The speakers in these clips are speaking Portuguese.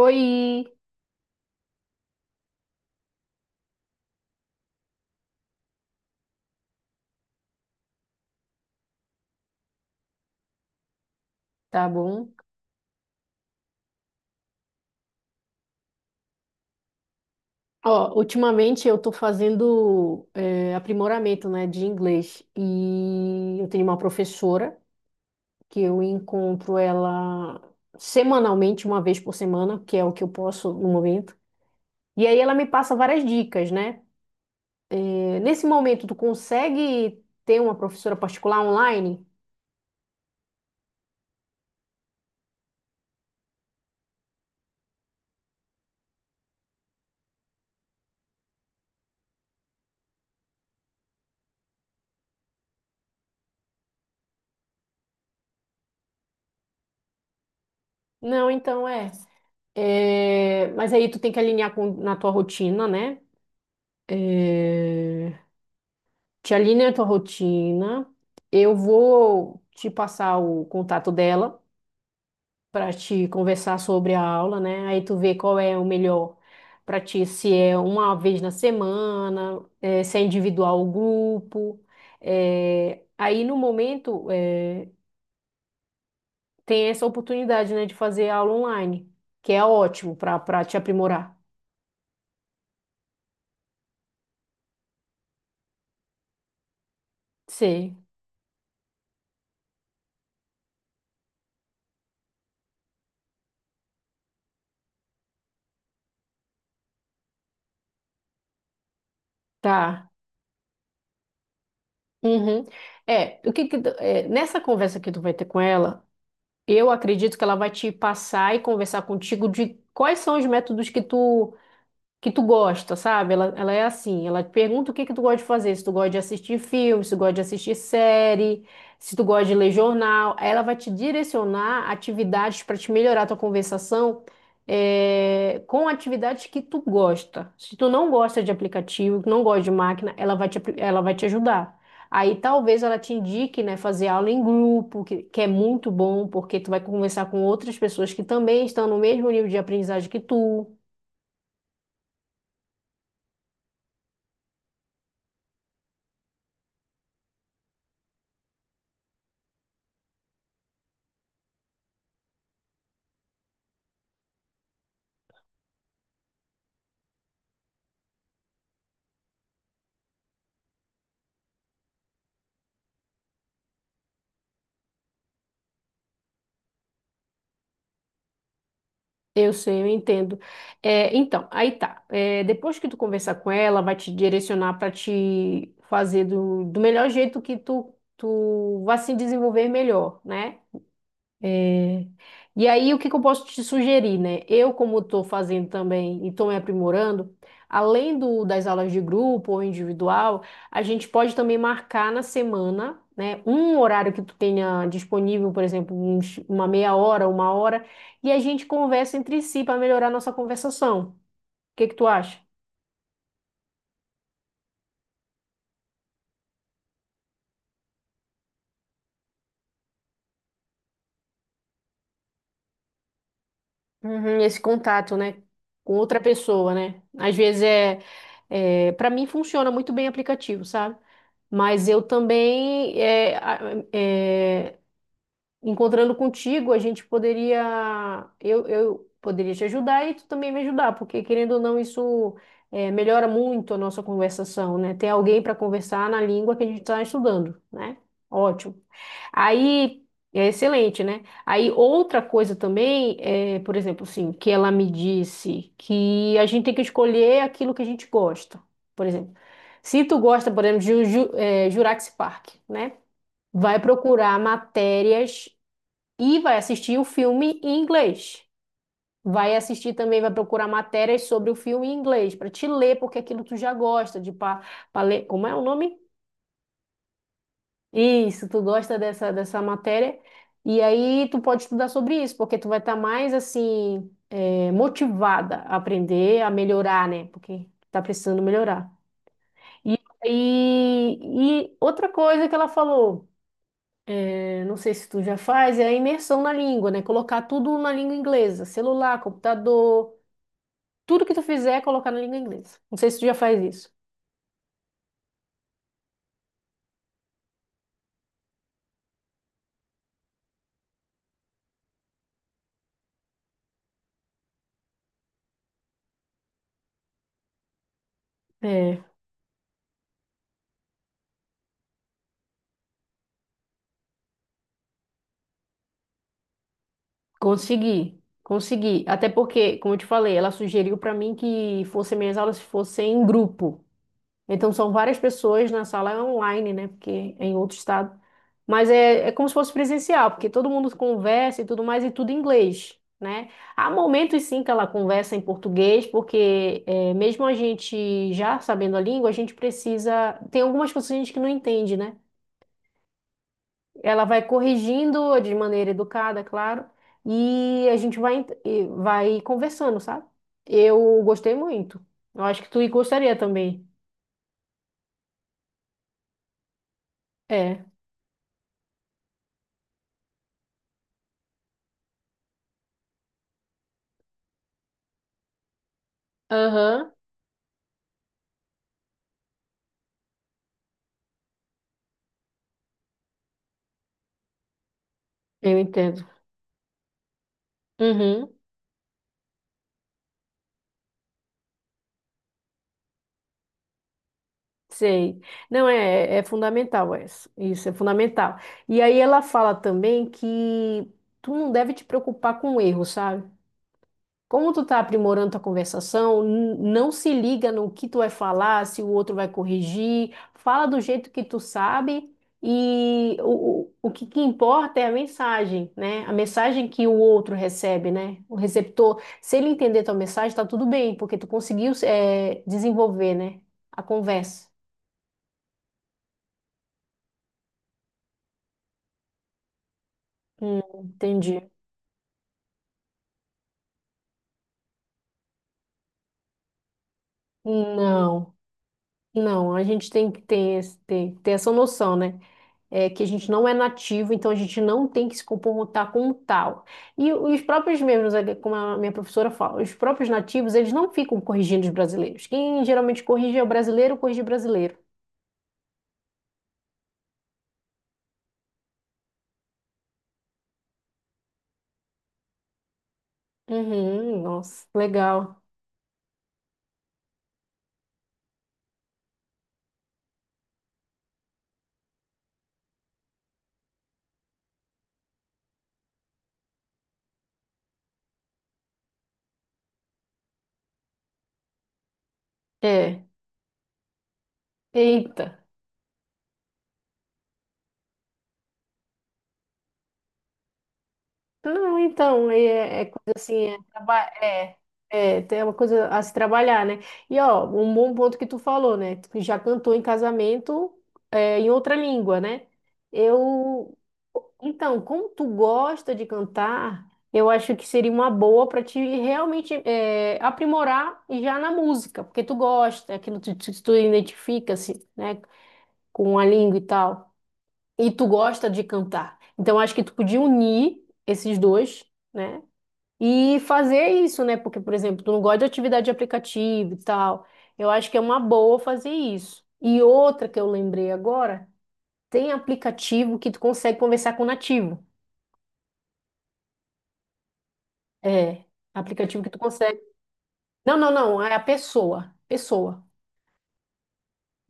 Oi, tá bom? Ó, ultimamente eu tô fazendo aprimoramento, né, de inglês e eu tenho uma professora que eu encontro ela semanalmente, uma vez por semana, que é o que eu posso no momento. E aí ela me passa várias dicas, né? Nesse momento, tu consegue ter uma professora particular online? Não, então é. É, mas aí tu tem que alinhar com, na tua rotina, né? É, te alinha a tua rotina. Eu vou te passar o contato dela para te conversar sobre a aula, né? Aí tu vê qual é o melhor para ti, se é uma vez na semana, se é individual ou grupo. Aí no momento tem essa oportunidade, né, de fazer aula online, que é ótimo para te aprimorar. Sim, tá. Uhum. É, o que que tu- é, nessa conversa que tu vai ter com ela, eu acredito que ela vai te passar e conversar contigo de quais são os métodos que tu gosta, sabe? Ela é assim, ela te pergunta o que que tu gosta de fazer, se tu gosta de assistir filme, se tu gosta de assistir série, se tu gosta de ler jornal, aí ela vai te direcionar atividades para te melhorar a tua conversação com atividades que tu gosta. Se tu não gosta de aplicativo, não gosta de máquina, ela vai te ajudar. Aí talvez ela te indique, né, fazer aula em grupo, que é muito bom, porque tu vai conversar com outras pessoas que também estão no mesmo nível de aprendizagem que tu. Eu sei, eu entendo. É, então, aí tá. É, depois que tu conversar com ela, vai te direcionar para te fazer do melhor jeito que tu vai se desenvolver melhor, né? E aí, o que que eu posso te sugerir, né? Eu, como estou fazendo também e estou me aprimorando, além do, das aulas de grupo ou individual, a gente pode também marcar na semana, né, um horário que tu tenha disponível, por exemplo, uma meia hora, 1 hora, e a gente conversa entre si para melhorar a nossa conversação. O que que tu acha? Uhum, esse contato, né, com outra pessoa, né? Às vezes é, para mim funciona muito bem aplicativo, sabe? Mas eu também é, encontrando contigo, a gente poderia, eu poderia te ajudar e tu também me ajudar, porque querendo ou não, isso melhora muito a nossa conversação, né? Ter alguém para conversar na língua que a gente está estudando, né? Ótimo. Aí é excelente, né? Aí outra coisa também é, por exemplo, assim, que ela me disse que a gente tem que escolher aquilo que a gente gosta. Por exemplo, se tu gosta, por exemplo, de Jurassic Park, né? Vai procurar matérias e vai assistir o filme em inglês. Vai assistir também, vai procurar matérias sobre o filme em inglês, para te ler, porque aquilo tu já gosta de pa, pa ler. Como é o nome? Isso, tu gosta dessa matéria. E aí tu pode estudar sobre isso, porque tu vai estar mais assim, motivada a aprender, a melhorar, né? Porque tá precisando melhorar. E, e outra coisa que ela falou, não sei se tu já faz, é a imersão na língua, né? Colocar tudo na língua inglesa, celular, computador. Tudo que tu fizer é colocar na língua inglesa. Não sei se tu já faz isso. É, consegui, consegui. Até porque, como eu te falei, ela sugeriu pra mim que fossem minhas aulas fossem em grupo. Então são várias pessoas na sala é online, né? Porque é em outro estado. Mas é como se fosse presencial, porque todo mundo conversa e tudo mais, e tudo em inglês, né? Há momentos sim que ela conversa em português, porque é, mesmo a gente já sabendo a língua, a gente precisa. Tem algumas coisas que a gente que não entende, né? Ela vai corrigindo de maneira educada, claro, e a gente vai, ent- e vai conversando, sabe? Eu gostei muito. Eu acho que tu gostaria também. É. Aham, eu entendo. Uhum, sei. Não, é fundamental essa. Isso é fundamental. E aí ela fala também que tu não deve te preocupar com o erro, sabe? Como tu tá aprimorando tua conversação, não se liga no que tu vai falar, se o outro vai corrigir. Fala do jeito que tu sabe e o que importa é a mensagem, né? A mensagem que o outro recebe, né? O receptor, se ele entender tua mensagem, tá tudo bem, porque tu conseguiu, desenvolver, né? A conversa. Entendi. Não, não, a gente tem que ter essa noção, né? É, que a gente não é nativo, então a gente não tem que se comportar como tal. E os próprios mesmos, como a minha professora fala, os próprios nativos, eles não ficam corrigindo os brasileiros. Quem geralmente corrige é o brasileiro, corrige o brasileiro. Uhum, nossa, legal. É, eita. Não, então, é coisa assim, tem uma coisa a se trabalhar, né? E, ó, um bom ponto que tu falou, né? Tu já cantou em casamento, em outra língua, né? Eu, então, como tu gosta de cantar, eu acho que seria uma boa para te realmente aprimorar já na música, porque tu gosta, aquilo que tu identifica, assim, né? Com a língua e tal e tu gosta de cantar. Então acho que tu podia unir esses dois, né? E fazer isso, né? Porque, por exemplo, tu não gosta de atividade de aplicativo e tal. Eu acho que é uma boa fazer isso. E outra que eu lembrei agora, tem aplicativo que tu consegue conversar com o nativo. É, aplicativo que tu consegue. Não, não, não, é a pessoa. Pessoa.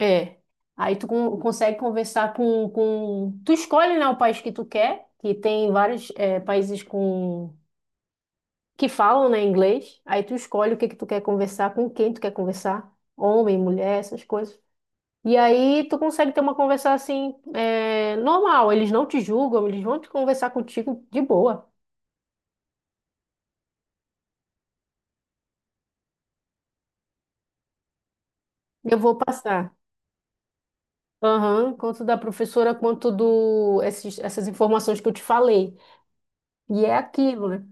É. Aí tu consegue conversar com. Tu escolhe, né, o país que tu quer, que tem vários países com que falam, né, inglês. Aí tu escolhe o que que tu quer conversar, com quem tu quer conversar, homem, mulher, essas coisas. E aí tu consegue ter uma conversa assim, normal. Eles não te julgam, eles vão te conversar contigo de boa. Eu vou passar. Aham, quanto da professora, quanto essas informações que eu te falei. E é aquilo, né?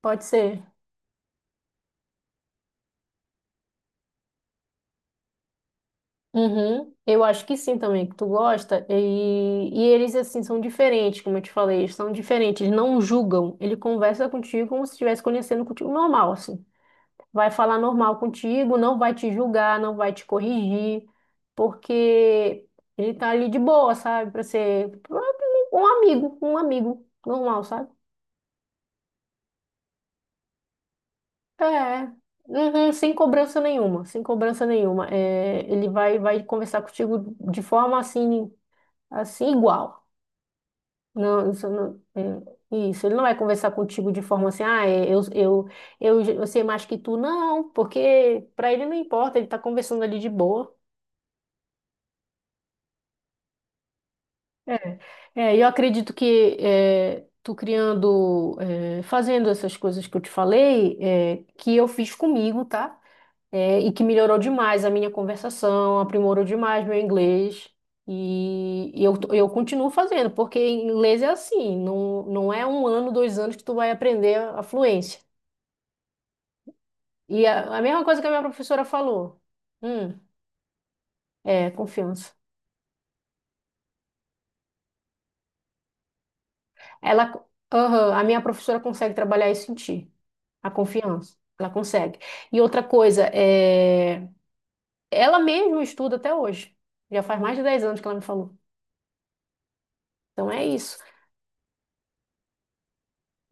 Pode ser. Uhum. Eu acho que sim também, que tu gosta. E eles, assim, são diferentes, como eu te falei, eles são diferentes, eles não julgam. Ele conversa contigo como se estivesse conhecendo contigo normal, assim. Vai falar normal contigo, não vai te julgar, não vai te corrigir, porque ele tá ali de boa, sabe? Pra ser um amigo normal, sabe? É, uhum, sem cobrança nenhuma, sem cobrança nenhuma. É, ele vai conversar contigo de forma assim igual. Não, isso, não, é, isso. Ele não vai conversar contigo de forma assim, eu sei mais que tu, não, porque para ele não importa, ele tá conversando ali de boa. É, eu acredito que tu criando, fazendo essas coisas que eu te falei, que eu fiz comigo, tá? E que melhorou demais a minha conversação, aprimorou demais meu inglês. E eu continuo fazendo, porque inglês é assim, não, não é 1 ano, 2 anos que tu vai aprender a fluência. E a mesma coisa que a minha professora falou. Hum, é, confiança. Ela, aham, a minha professora consegue trabalhar isso em ti, a confiança. Ela consegue. E outra coisa, ela mesma estuda até hoje. Já faz mais de 10 anos que ela me falou. Então é isso.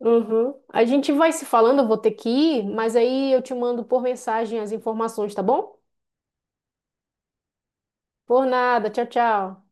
Uhum. A gente vai se falando, eu vou ter que ir, mas aí eu te mando por mensagem as informações, tá bom? Por nada, tchau, tchau.